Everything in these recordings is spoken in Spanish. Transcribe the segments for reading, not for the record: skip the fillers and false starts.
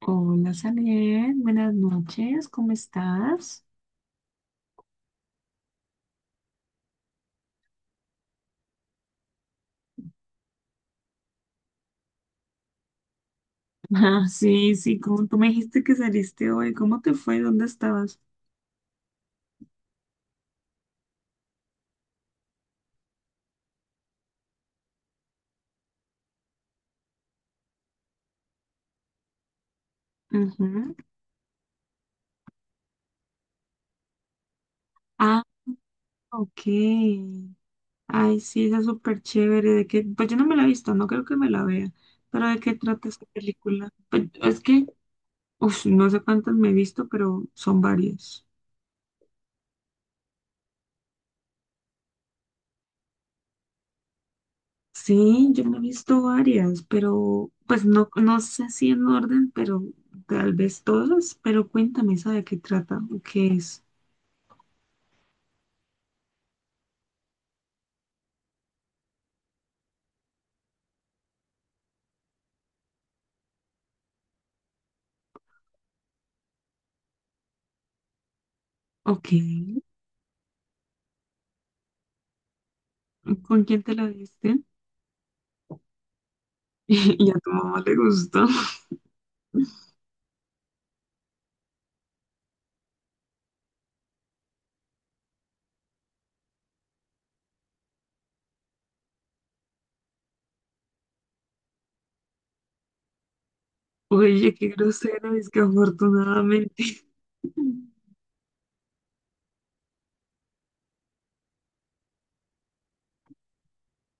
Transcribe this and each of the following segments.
Hola, Saler, buenas noches, ¿cómo estás? Ah, sí, sí, como tú me dijiste que saliste hoy, ¿cómo te fue? ¿Dónde estabas? Ujú. Ah, ok. Ay, sí, esa es súper chévere. ¿De qué? Pues yo no me la he visto, no creo que me la vea. ¿Pero de qué trata esta película? Pues, es que, uf, no sé cuántas me he visto, pero son varias. Sí, yo me he visto varias, pero pues no, no sé si en orden, pero tal vez todas. Pero cuéntame, ¿sabe de qué trata? ¿O qué es? Ok, ¿con quién te la viste? Y a tu mamá le gustó. Oye, qué grosero, es que afortunadamente.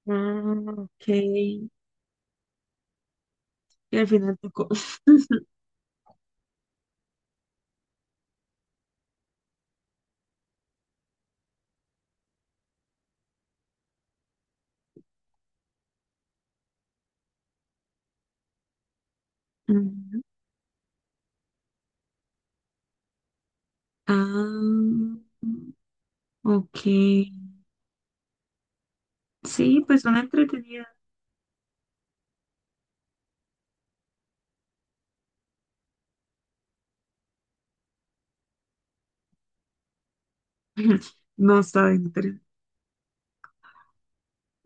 Ah, ok. Y al final, mm, ah, ok. Sí, pues son entretenidas. No está dentro.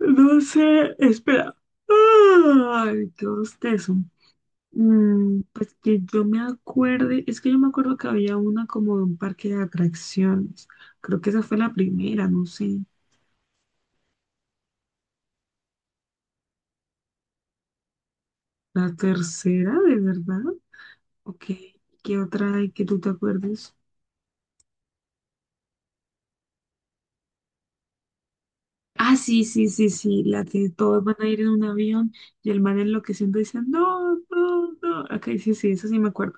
No, no sé, espera. Ay, qué bostezo. Mm, pues que yo me acuerde, es que yo me acuerdo que había una como de un parque de atracciones. Creo que esa fue la primera, no sé. ¿La tercera, de verdad? Ok. ¿Qué otra hay que tú te acuerdes? Ah, sí, sí, sí, sí. La que todos van a ir en un avión y el man enloqueciendo dice, no, no, no. Ok, sí, sí, eso sí me acuerdo.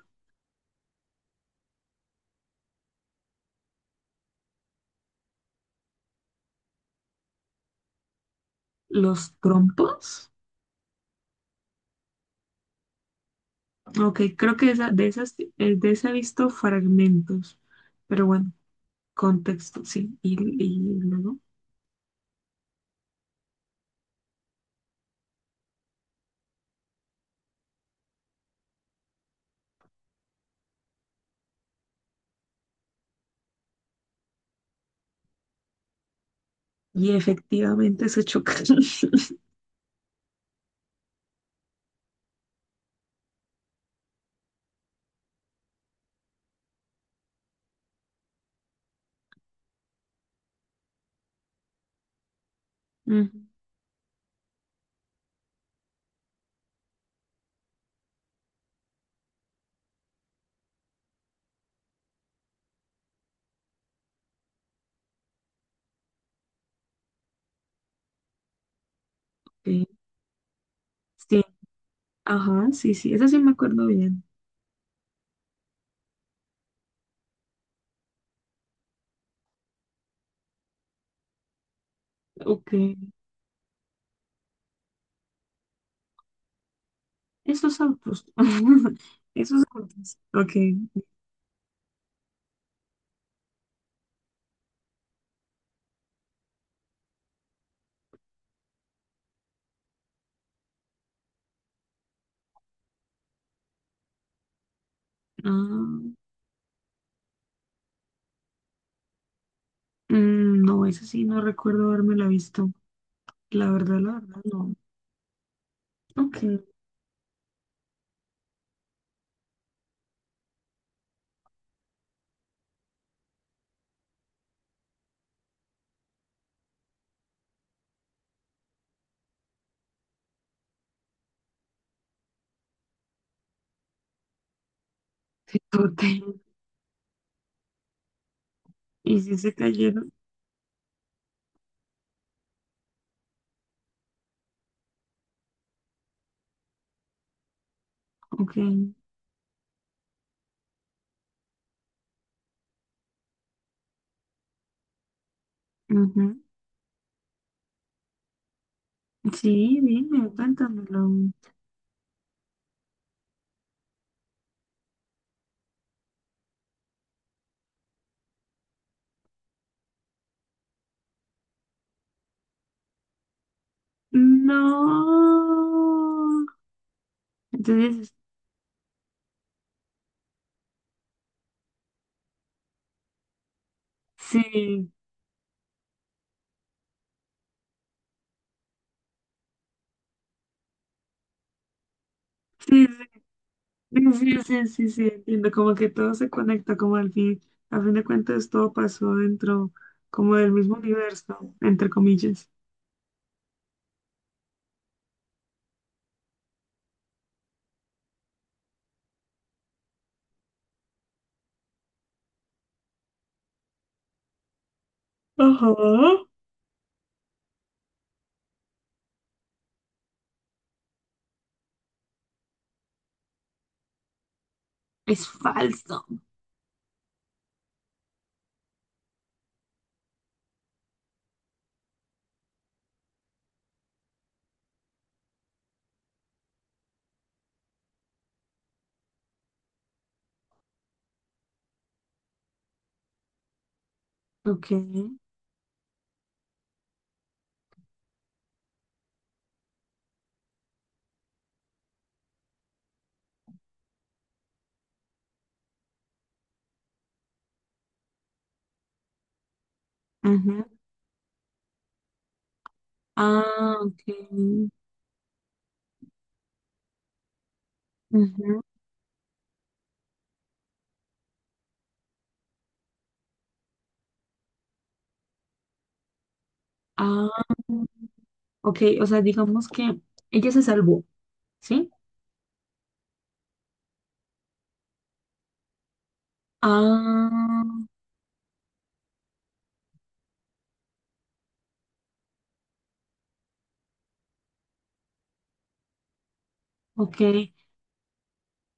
¿Los trompos? Ok, creo que esa, de esas, de esa he visto fragmentos. Pero bueno, contexto, sí. Y luego. Y efectivamente se chocan. Ujú, ok. Sí, ajá, sí, sí, esa sí me acuerdo bien. Ok, esos autos. Esos autos. Ok. Ah, mm, no, eso sí, no recuerdo haberme la visto. La verdad, no. Ok, qué tote. ¿Y si se cayeron? Ok. Ujú. Sí, dime, cuéntamelo. No. Entonces, sí, sí, sí, sí, sí, sí, sí, entiendo, como que todo se conecta, como al fin, a fin de cuentas todo pasó dentro, como del mismo universo, entre comillas. Ajá. Es falso. Ok. Ajá. Ah, ok. Ujú. Ah, ok. O sea, digamos que ella se salvó, ¿sí? Ah, ok.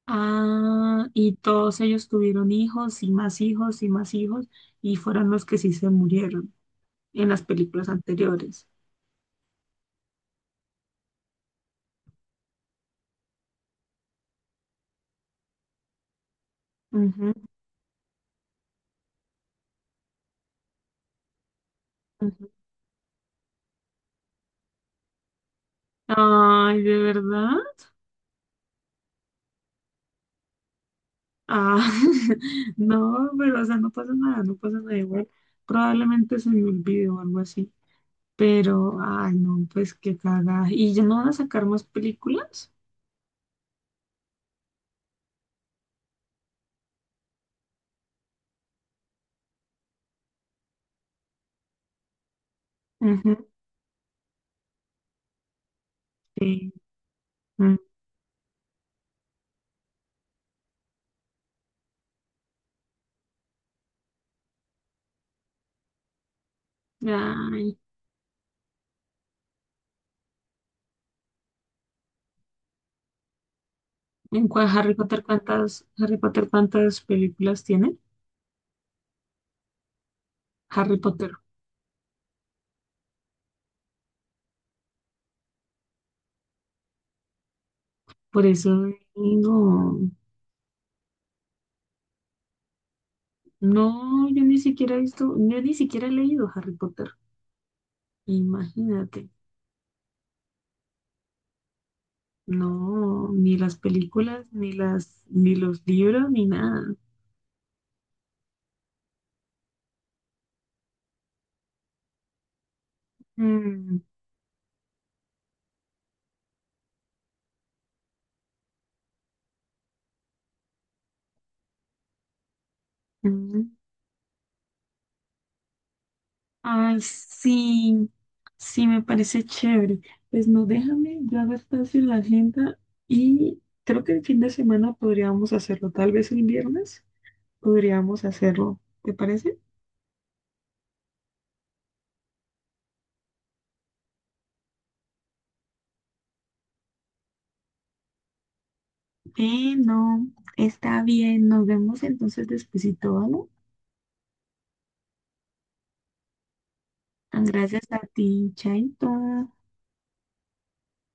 Ah, y todos ellos tuvieron hijos y más hijos y más hijos y fueron los que sí se murieron en las películas anteriores. Ujú, ujú. Ay, ¿de verdad? Ah, no, pero o sea, no pasa nada, no pasa nada igual. Probablemente se me olvide o algo así. Pero, ay, no, pues qué cagada. ¿Y ya no van a sacar más películas? Ujú. Sí. Mm. Ay, ¿en cuál Harry Potter cuántas películas tiene? Harry Potter. Por eso no, no, yo ni siquiera he visto, yo ni siquiera he leído Harry Potter. Imagínate, no, ni las películas, ni las, ni los libros, ni nada. Mm, mm. Ay, sí, sí, me parece chévere. Pues no, déjame, yo hago espacio en la agenda y creo que el fin de semana podríamos hacerlo, tal vez el viernes podríamos hacerlo, ¿te parece? No, está bien, nos vemos entonces despuesito, ¿vale? Gracias a ti, Chaito.